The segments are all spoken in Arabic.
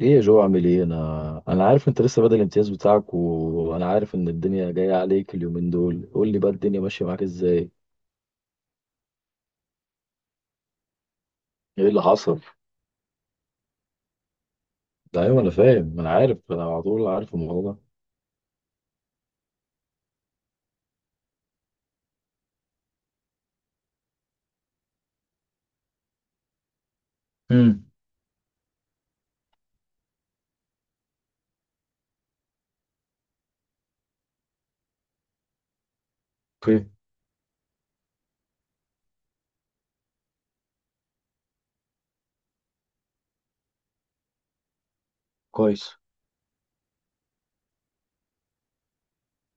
ايه يا جو، عامل ايه؟ انا عارف انت لسه بدأ الامتياز بتاعك، وانا عارف ان الدنيا جايه عليك اليومين دول. قول لي بقى، الدنيا ماشيه معاك ازاي؟ ايه اللي حصل؟ ده ايوه، انا فاهم، انا عارف، انا على طول عارف الموضوع ده. امم اوكي. كويس.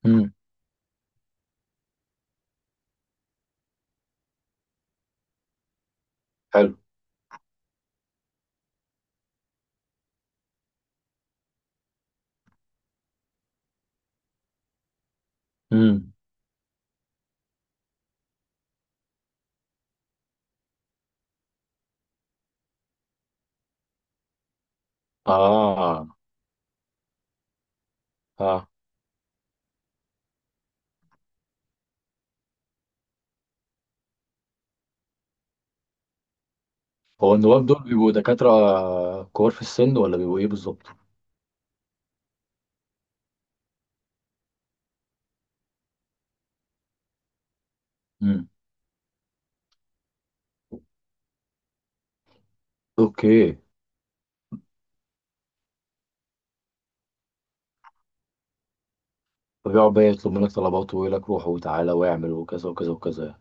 امم حلو. امم اه، اه. هو النواب دول بيبقوا دكاترة كبار في السن، ولا بيبقوا ايه بالظبط؟ امم اوكي. فبيقعد بقى يطلب منك طلبات، ويقول لك روح وتعالى واعمل وكذا وكذا وكذا.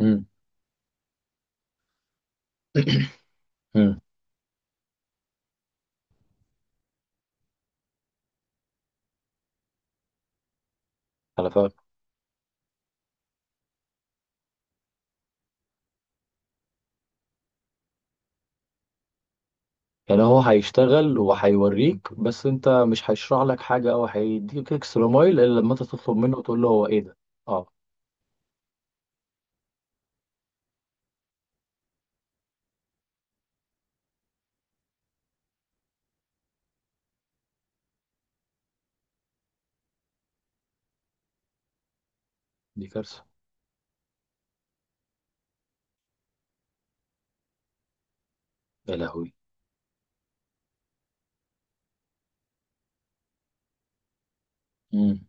امم امم انا فاهم. يعني هو هيشتغل وهيوريك، بس انت مش هيشرح لك حاجة او هيديك اكسترا مايل الا لما انت تطلب منه وتقول له هو ايه ده. اه، دي كارثة. يا لهوي. امم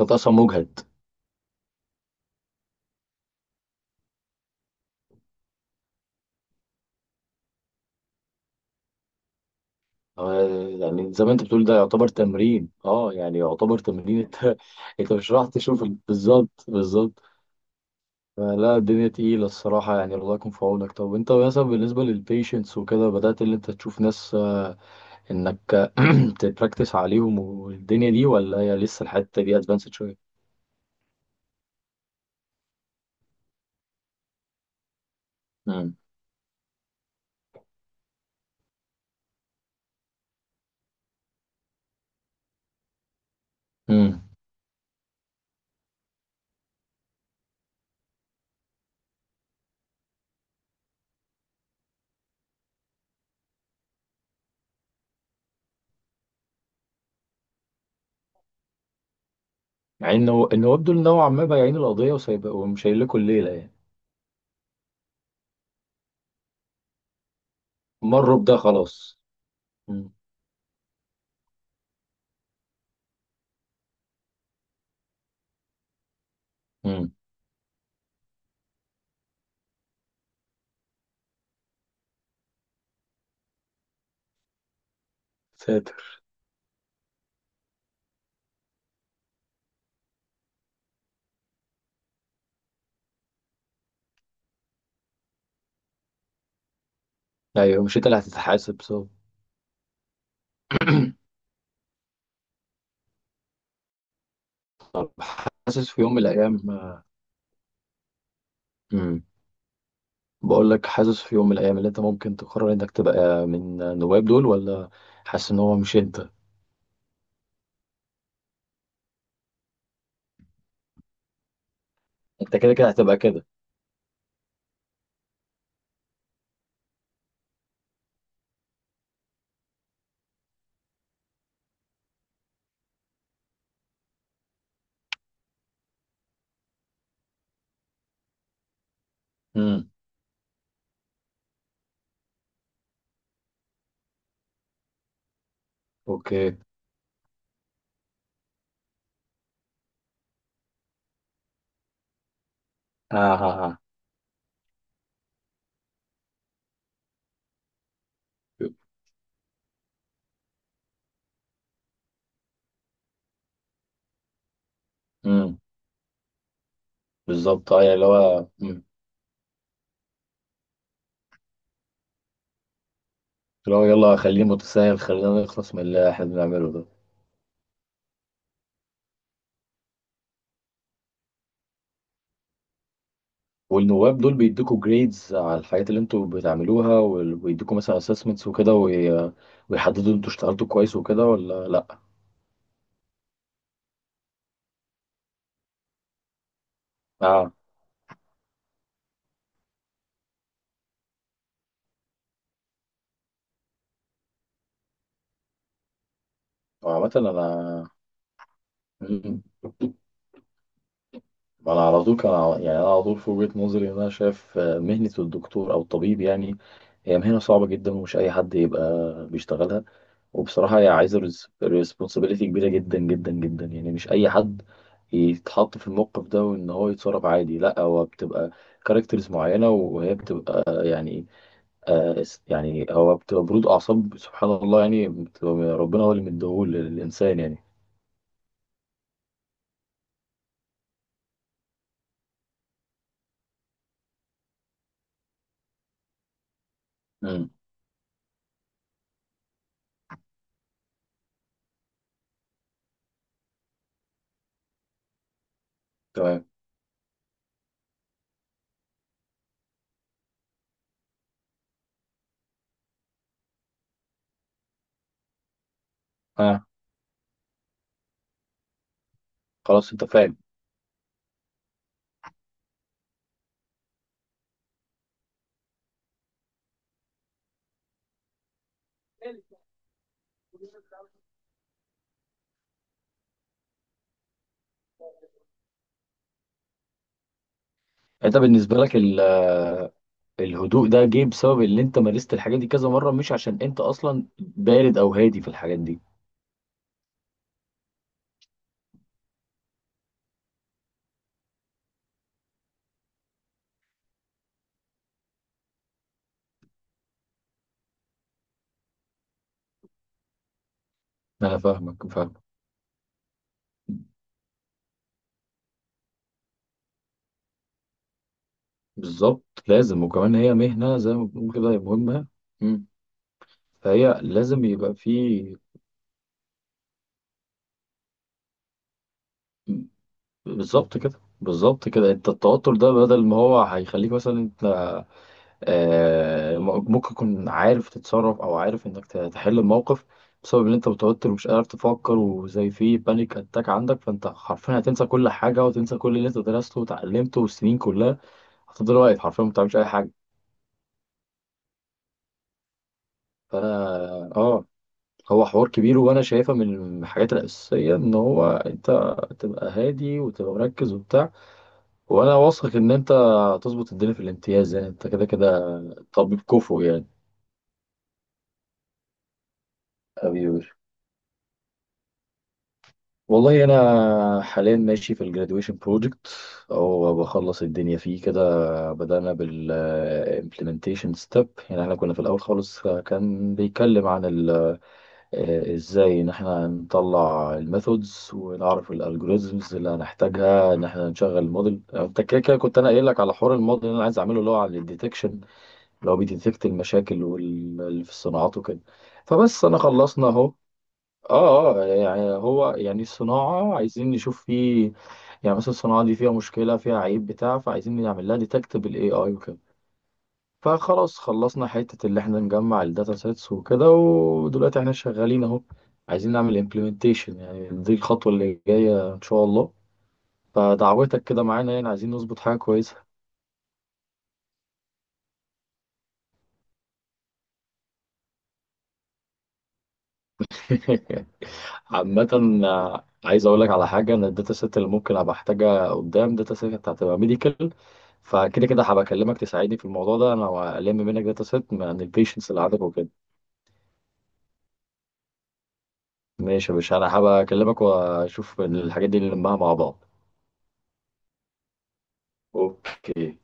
انت اصلا مجهد. آه، يعني زي ما انت بتقول ده يعتبر تمرين، اه، يعني يعتبر تمرين. انت مش راح تشوف ال-، بالظبط بالظبط. فلا، الدنيا تقيلة الصراحة يعني، الله يكون في عونك. طب انت مثلا بالنسبة للبيشنس وكده بدأت اللي انت تشوف ناس، انك تبراكتس عليهم والدنيا دي، ولا هي لسه الحتة دي ادفانسد شوية؟ مم. مم. يعني انه يبدو ان هو عمال بايعين القضيه وسايب ومش هيقول لكم الليله يعني. مروا بده، خلاص. مم. مم. ساتر. ايوه، مش انت اللي هتتحاسب، صح. حاسس في يوم من الايام، مم. بقول لك حاسس في يوم من الايام اللي انت ممكن تقرر انك تبقى من النواب دول، ولا حاسس ان هو مش انت؟ انت كده كده هتبقى كده. مم. اوكي. اه، اه، اه. مم. بالظبط، اه. يعني اللي هو، مم. اللي هو يلا خليه متساهل، خلينا نخلص من اللي احنا بنعمله ده. والنواب دول بيدوكوا جريدز على الحاجات اللي انتوا بتعملوها، وال- ويدوكوا مثلا اسسمنتس وكده، وي- ويحددوا انتوا اشتغلتوا كويس وكده ولا لا؟ اه. عامة انا، مم. انا على طول كان ع-، يعني انا على طول في وجهة نظري، ان انا شايف، مهنة الدكتور او الطبيب يعني هي مهنة صعبة جدا، ومش اي حد يبقى بيشتغلها. وبصراحة هي عايزة ريسبونسابيلتي كبيرة جدا جدا جدا. يعني مش أي حد يتحط في الموقف ده وإن هو يتصرف عادي، لأ، هو بتبقى كاركترز معينة. وهي بتبقى يعني، يعني هو بتبقى برود أعصاب، سبحان الله، يعني بتبقى ربنا هو اللي مديهول للإنسان يعني. امم تمام. آه خلاص أنت فاهم. أنت بالنسبة لك الهدوء ده جه بسبب اللي أنت مارست الحاجات دي كذا مرة، مش عشان أنت أصلا بارد أو هادي في الحاجات دي؟ أنا فاهمك، فاهم. بالظبط، لازم. وكمان هي مهنة زي ما بنقول كده، هي مهمة. مم. فهي لازم يبقى في. بالظبط كده، بالظبط كده. انت التوتر ده بدل ما هو هيخليك، مثلا انت ممكن تكون عارف تتصرف او عارف انك تحل الموقف، بسبب ان انت متوتر ومش قادر تفكر، وزي في بانيك اتاك عندك، فانت حرفيا هتنسى كل حاجة، وتنسى كل اللي انت درسته وتعلمته والسنين كلها. هتفضل واقف حرفيا ما بتعملش اي حاجة. فانا هو حوار كبير. وانا شايفها من الحاجات الاساسيه ان هو انت تبقى هادي وتبقى مركز وبتاع. وانا واثق ان انت هتظبط الدنيا في الامتياز. يعني انت كده كده طبيب كفو يعني. حبيبي. والله انا حاليا ماشي في الجراديويشن بروجكت، او بخلص الدنيا فيه. كده بدأنا بال implementation step. يعني احنا كنا في الاول خالص كان بيتكلم عن ازاي ان احنا نطلع الميثودز ونعرف الالجوريزمز اللي هنحتاجها ان احنا نشغل الموديل. انت كده كده كنت انا قايل لك على حوار الموديل اللي انا عايز اعمله، اللي هو على الديتكشن، اللي هو بيديتكت المشاكل واللي في الصناعات وكده. فبس انا خلصنا اهو. اه، اه، يعني هو يعني الصناعة عايزين نشوف فيه يعني، مثلا الصناعة دي فيها مشكلة فيها عيب بتاع، فعايزين نعمل لها ديتكت بالاي اي وكده. فخلاص خلصنا حتة اللي احنا نجمع الداتا سيتس وكده. ودلوقتي احنا شغالين اهو، عايزين نعمل امبلمنتيشن. يعني دي الخطوة اللي جاية ان شاء الله. فدعوتك كده معانا، يعني عايزين نظبط حاجة كويسة. عامة، عايز اقول لك على حاجة، ان الداتا سيت اللي ممكن ابقى احتاجها قدام، داتا سيت هتبقى ميديكال. فكده كده هبقى اكلمك تساعدني في الموضوع ده، انا الم منك داتا سيت من البيشنس اللي عندك وكده. ماشي يا باشا، انا هبقى اكلمك واشوف الحاجات دي اللي نلمها مع بعض. اوكي